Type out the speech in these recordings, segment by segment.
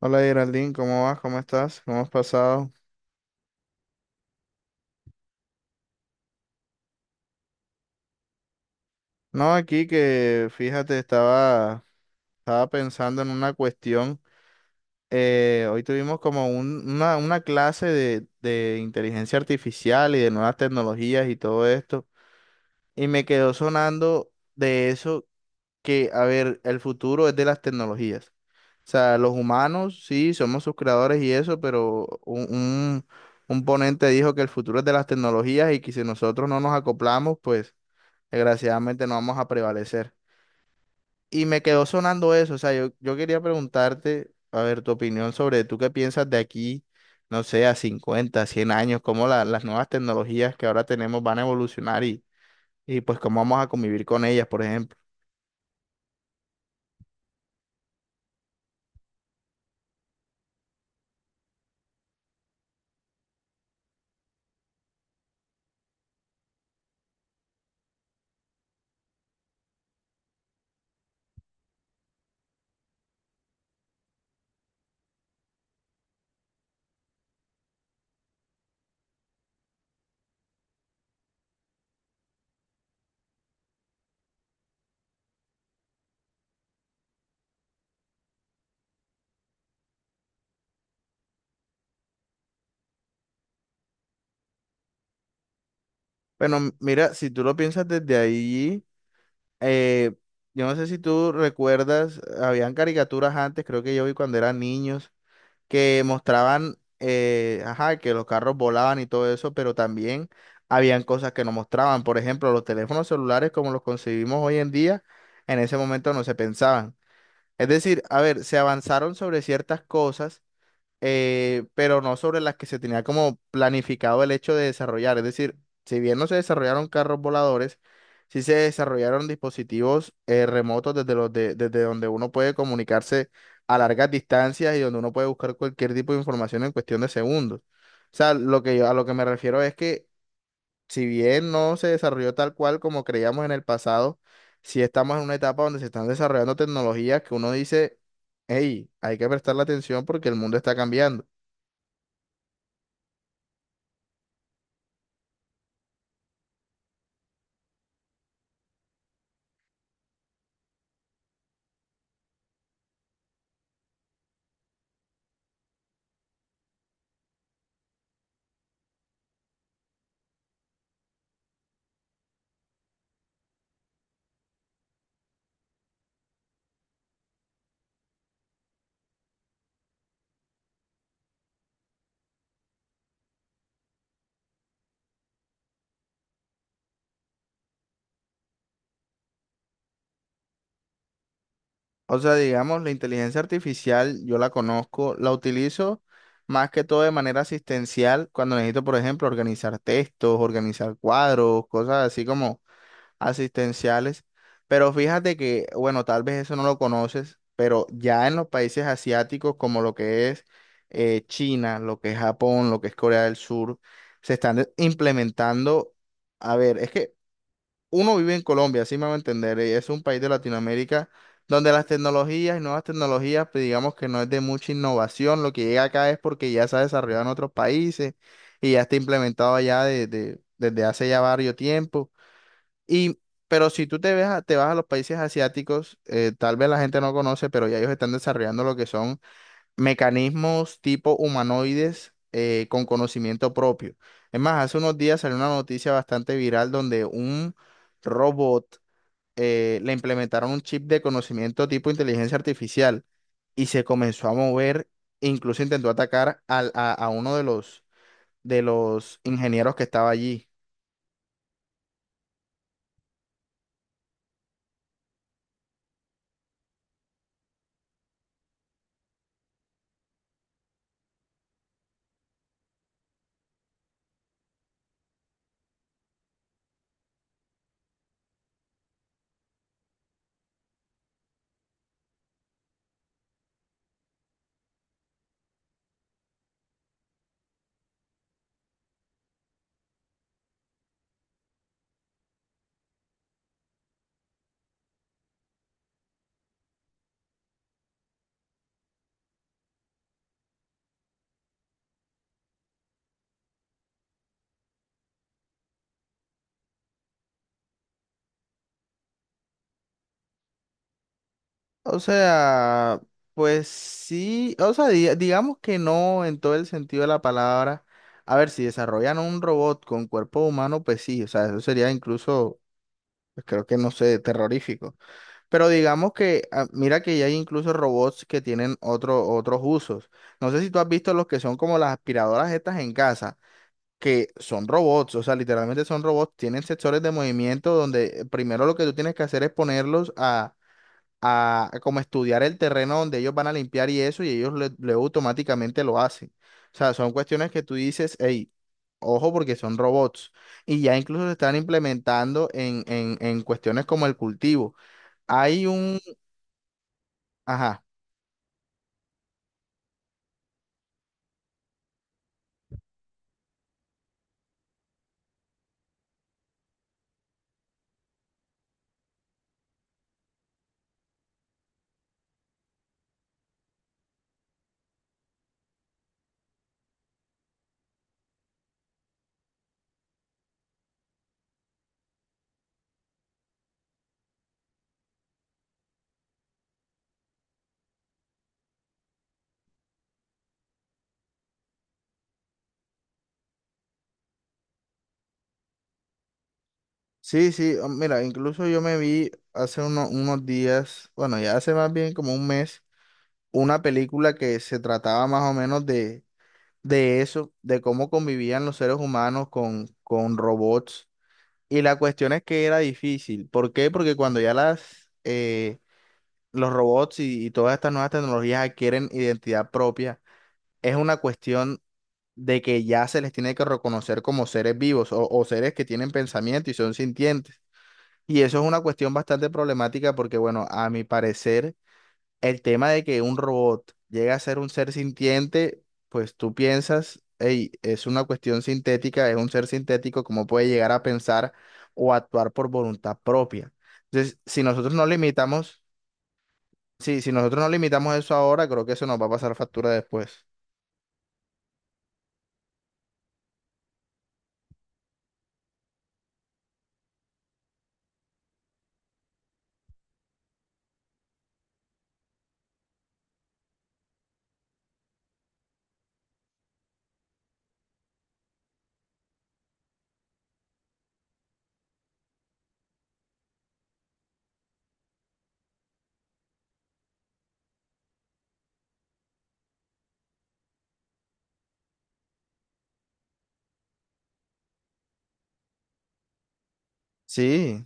Hola Geraldine, ¿cómo vas? ¿Cómo estás? ¿Cómo has pasado? No, aquí que fíjate, estaba pensando en una cuestión. Hoy tuvimos como una clase de inteligencia artificial y de nuevas tecnologías y todo esto. Y me quedó sonando de eso que, a ver, el futuro es de las tecnologías. O sea, los humanos, sí, somos sus creadores y eso, pero un ponente dijo que el futuro es de las tecnologías y que si nosotros no nos acoplamos, pues desgraciadamente no vamos a prevalecer. Y me quedó sonando eso, o sea, yo quería preguntarte, a ver, tu opinión sobre tú qué piensas de aquí, no sé, a 50 100 años, cómo las nuevas tecnologías que ahora tenemos van a evolucionar, y pues cómo vamos a convivir con ellas, por ejemplo. Bueno, mira, si tú lo piensas desde ahí, eh, yo no sé si tú recuerdas, habían caricaturas antes, creo que yo vi cuando eran niños, que mostraban, ajá, que los carros volaban y todo eso, pero también habían cosas que no mostraban. Por ejemplo, los teléfonos celulares como los concebimos hoy en día, en ese momento no se pensaban. Es decir, a ver, se avanzaron sobre ciertas cosas, pero no sobre las que se tenía como planificado el hecho de desarrollar. Es decir, si bien no se desarrollaron carros voladores, sí se desarrollaron dispositivos, remotos desde los desde donde uno puede comunicarse a largas distancias y donde uno puede buscar cualquier tipo de información en cuestión de segundos. O sea, lo que yo, a lo que me refiero es que si bien no se desarrolló tal cual como creíamos en el pasado, sí estamos en una etapa donde se están desarrollando tecnologías que uno dice, hey, hay que prestarle atención porque el mundo está cambiando. O sea, digamos, la inteligencia artificial yo la conozco, la utilizo más que todo de manera asistencial cuando necesito, por ejemplo, organizar textos, organizar cuadros, cosas así como asistenciales. Pero fíjate que, bueno, tal vez eso no lo conoces, pero ya en los países asiáticos como lo que es, China, lo que es Japón, lo que es Corea del Sur, se están implementando, a ver, es que uno vive en Colombia, así me va a entender, y es un país de Latinoamérica donde las tecnologías y nuevas tecnologías, pues digamos que no es de mucha innovación, lo que llega acá es porque ya se ha desarrollado en otros países y ya está implementado allá desde hace ya varios tiempos. Y, pero si tú te ves te vas a los países asiáticos, tal vez la gente no conoce, pero ya ellos están desarrollando lo que son mecanismos tipo humanoides, con conocimiento propio. Es más, hace unos días salió una noticia bastante viral donde un robot, le implementaron un chip de conocimiento tipo inteligencia artificial y se comenzó a mover, incluso intentó atacar a uno de los ingenieros que estaba allí. O sea, pues sí, o sea, digamos que no en todo el sentido de la palabra. A ver, si desarrollan un robot con cuerpo humano, pues sí, o sea, eso sería incluso, pues, creo que no sé, terrorífico. Pero digamos que, ah, mira que ya hay incluso robots que tienen otro, otros usos. No sé si tú has visto los que son como las aspiradoras estas en casa, que son robots, o sea, literalmente son robots, tienen sensores de movimiento donde, primero lo que tú tienes que hacer es ponerlos a a como estudiar el terreno donde ellos van a limpiar y eso, y ellos luego automáticamente lo hacen. O sea, son cuestiones que tú dices, hey, ojo porque son robots. Y ya incluso se están implementando en cuestiones como el cultivo. Hay un, ajá, sí, sí, oh, mira, incluso yo me vi hace unos días, bueno, ya hace más bien como un mes, una película que se trataba más o menos de eso, de cómo convivían los seres humanos con robots. Y la cuestión es que era difícil. ¿Por qué? Porque cuando ya las, los robots y todas estas nuevas tecnologías adquieren identidad propia, es una cuestión de que ya se les tiene que reconocer como seres vivos, o seres que tienen pensamiento y son sintientes. Y eso es una cuestión bastante problemática porque, bueno, a mi parecer el tema de que un robot llega a ser un ser sintiente, pues tú piensas, hey, es una cuestión sintética, es un ser sintético, ¿cómo puede llegar a pensar o actuar por voluntad propia? Entonces, si nosotros no limitamos, sí, si nosotros no limitamos eso ahora, creo que eso nos va a pasar factura después. Sí.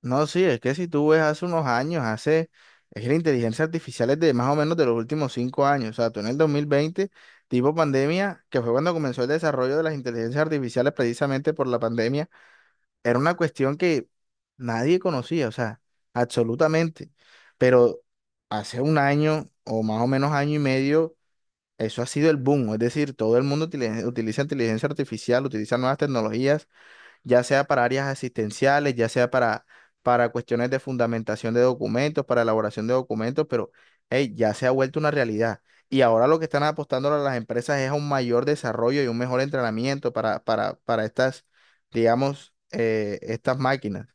No, sí, es que si tú ves hace unos años, hace, es que la inteligencia artificial es de más o menos de los últimos 5 años, o sea, tú en el 2020 tipo pandemia, que fue cuando comenzó el desarrollo de las inteligencias artificiales precisamente por la pandemia, era una cuestión que nadie conocía, o sea, absolutamente, pero hace un año o más o menos año y medio, eso ha sido el boom, es decir, todo el mundo utiliza inteligencia artificial, utiliza nuevas tecnologías ya sea para áreas asistenciales, ya sea para cuestiones de fundamentación de documentos, para elaboración de documentos, pero hey, ya se ha vuelto una realidad. Y ahora lo que están apostando las empresas es a un mayor desarrollo y un mejor entrenamiento para estas, digamos, estas máquinas.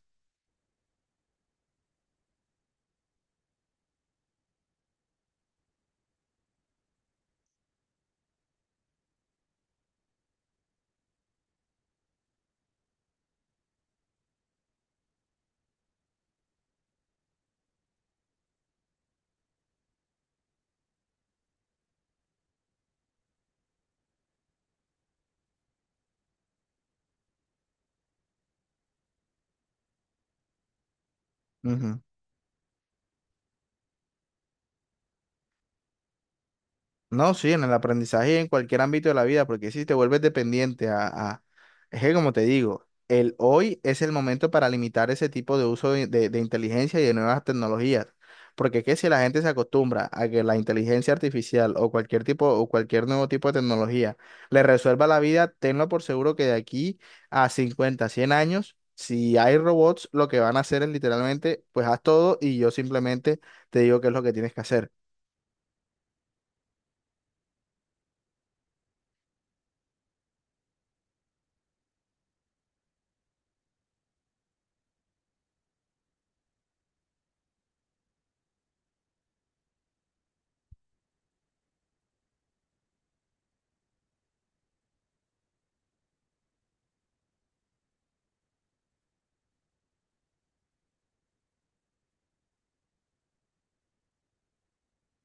Ujú. No, sí, en el aprendizaje y en cualquier ámbito de la vida, porque si te vuelves dependiente a. Es que como te digo, el hoy es el momento para limitar ese tipo de uso de, de inteligencia y de nuevas tecnologías, porque es que si la gente se acostumbra a que la inteligencia artificial o cualquier tipo o cualquier nuevo tipo de tecnología le resuelva la vida, tenlo por seguro que de aquí a 50, 100 años, si hay robots, lo que van a hacer es literalmente, pues haz todo y yo simplemente te digo qué es lo que tienes que hacer.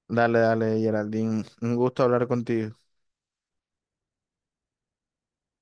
Dale, dale, Geraldine. Un gusto hablar contigo.